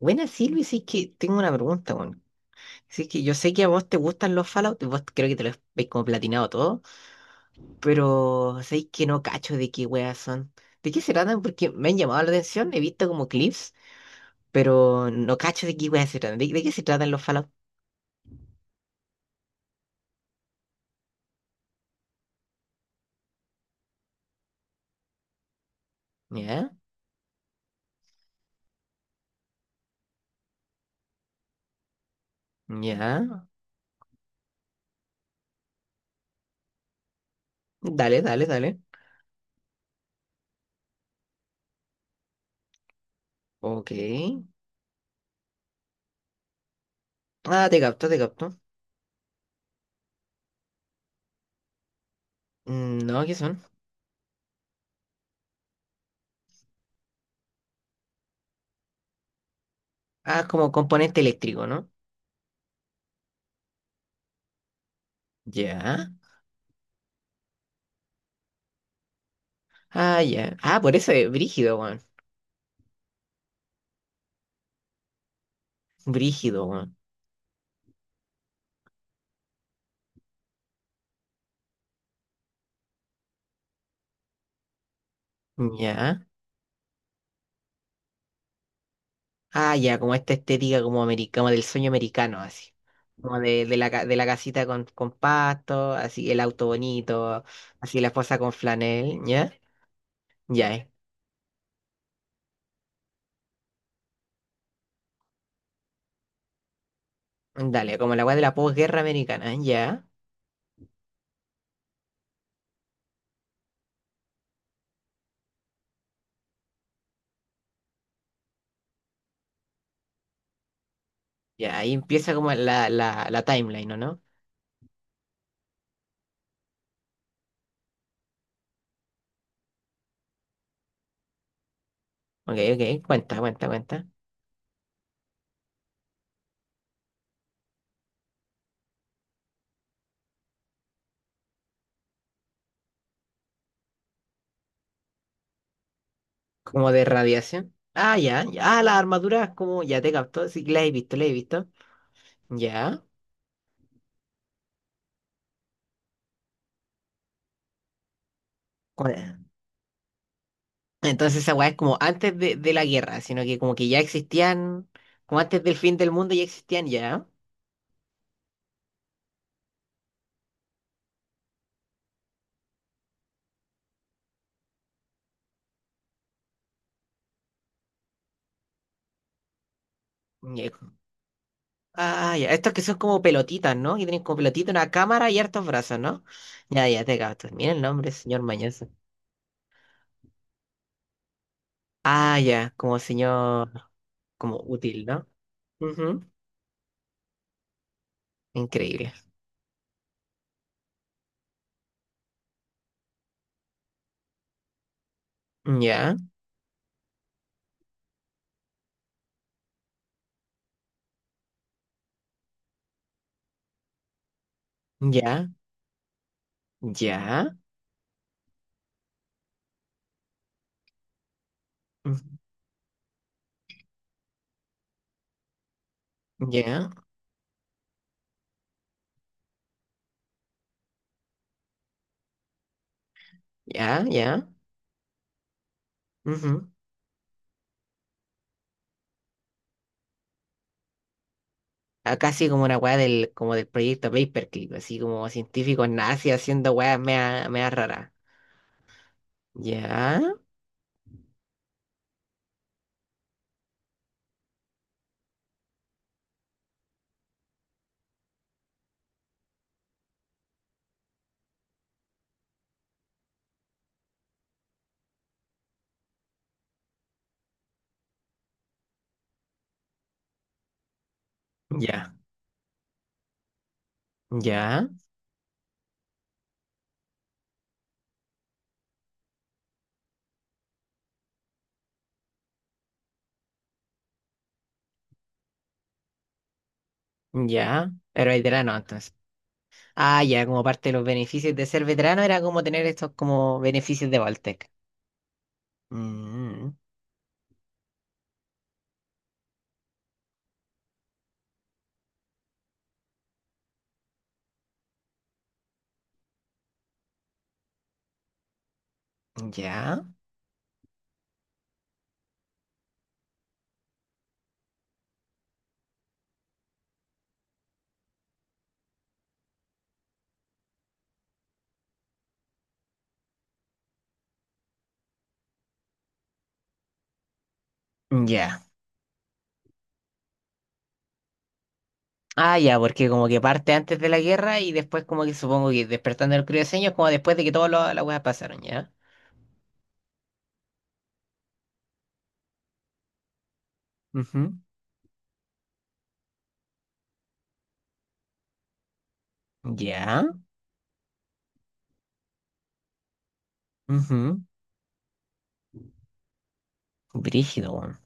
Buena, Silvi, sí que tengo una pregunta, Sí que yo sé que a vos te gustan los Fallout, vos creo que te los veis como platinado todo, pero sabéis que no cacho de qué weas son. ¿De qué se tratan? Porque me han llamado la atención, he visto como clips, pero no cacho de qué weas se tratan. ¿De qué se tratan los Fallout? Ya, ya. Dale, dale, dale. Ok. Ah, te capto, te capto. Mm, no, ¿qué son? Ah, como componente eléctrico, ¿no? Ya. Ah, ya. Ah, por eso es brígido, weón. Brígido, weón. Ya. Ah, ya, como esta estética como americana, como del sueño americano, así. Como de la, de la casita con pasto, así el auto bonito, así la esposa con flanel, ¿ya? Ya, eh. Dale, como la weá de la posguerra americana, ¿ya? Ya, ahí empieza como la timeline, ¿o no? Ok, ok, cuenta, cuenta, cuenta. Como de radiación. Ah, ya, ya, ah, las armaduras, como, ya te captó, sí, las he visto, las he visto. Ya. Entonces esa weá es como antes de la guerra, sino que como que ya existían, como antes del fin del mundo ya existían ya. Y es ah, ya, estos que son como pelotitas, ¿no? Que tienen como pelotita una cámara y hartos brazos, ¿no? Ya, ya, te capto. Mira el nombre, señor Mañoso. Ah, ya, como señor, como útil, ¿no? Ujú, increíble. Ya, ya, ya, ujú, ya, ya, ya. Ujú. A casi como una weá del, como del proyecto Paperclip, así como científicos nazis haciendo weas mea rara. Ya, ya, ya, ya. Pero veterano entonces. Ah, ya, como parte de los beneficios de ser veterano era como tener estos como beneficios de Voltec. Mm, ya, ya. Ah, ya, porque como que parte antes de la guerra y después como que supongo que despertando el crioseño es como después de que todas las weas pasaron, ¿ya? Ujú, ya, ujú. Brígido, weón.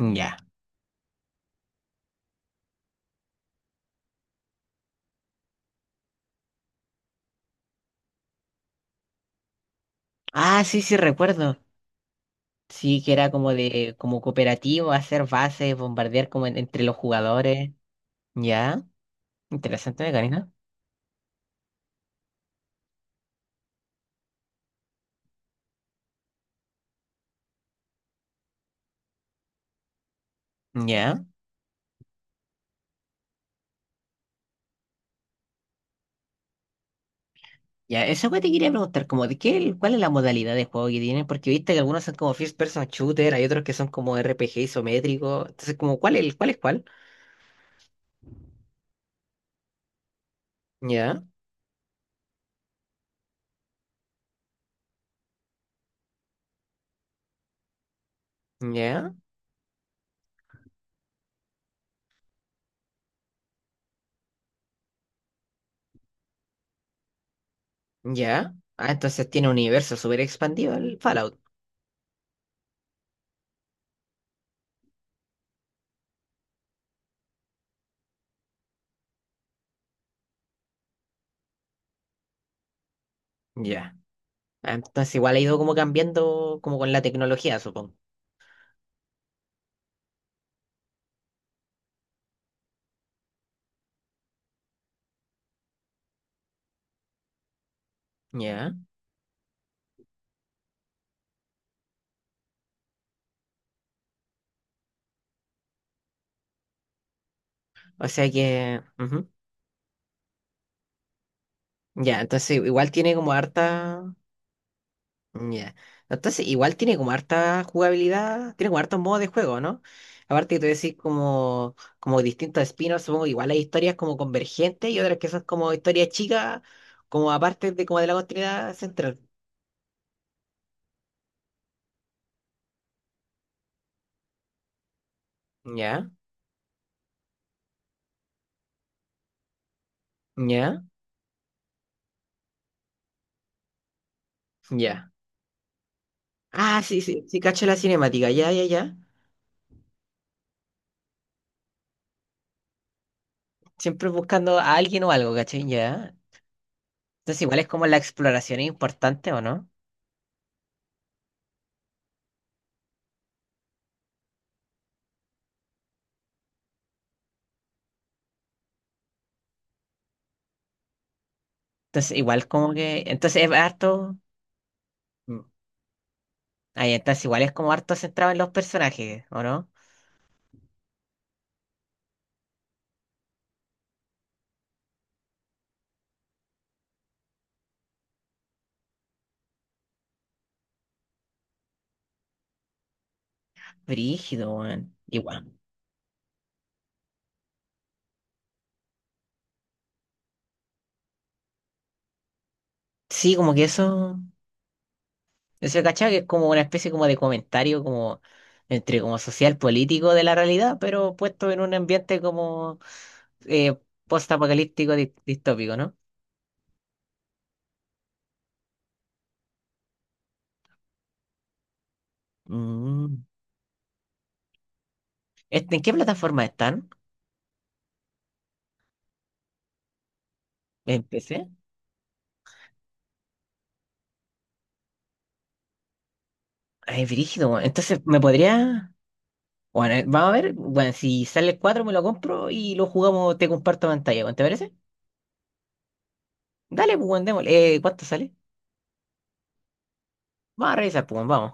Ya. Ah, sí, sí, recuerdo. Sí, que era como de, como cooperativo, hacer bases, bombardear como entre los jugadores. Ya, interesante mecánica. Ya, ya, eso que te quería preguntar, como de qué, cuál es la modalidad de juego que tienen, porque viste que algunos son como first person shooter, hay otros que son como RPG isométrico. Entonces, como cuál es, cuál es cuál. Ya, ya, ya. Ah, entonces tiene un universo súper expandido el Fallout. Ya. Ah, entonces igual ha ido como cambiando como con la tecnología, supongo. Ya. O sea que. Ya, entonces igual tiene como harta. Ya. Entonces igual tiene como harta jugabilidad, tiene como hartos modos de juego, ¿no? Aparte que tú decís como, como distintos spin supongo que igual hay historias como convergentes y otras que son como historias chicas, como aparte de como de la continuidad central. Ya, ya, ya. Ah, sí, sí, sí, cacho la cinemática, ya, ya, ya. Siempre buscando a alguien o algo, ¿cachai? Ya. Entonces igual es como la exploración es importante, ¿o no? Entonces igual como que. Entonces es harto. Ahí entonces igual es como harto centrado en los personajes, ¿o no? Brígido, weón. Igual. Sí, como que eso cachado que es como una especie como de comentario como entre como social político de la realidad, pero puesto en un ambiente como eh, post-apocalíptico distópico, ¿no? Mm. Este, ¿en qué plataforma están? ¿En PC? Ay, brígido, weón. Entonces, ¿me podría...? Bueno, vamos a ver, bueno, si sale el 4 me lo compro y lo jugamos, te comparto pantalla, weón, ¿te parece? Dale, pues, weón, démosle. ¿Cuánto sale? Bara i pues, vamos.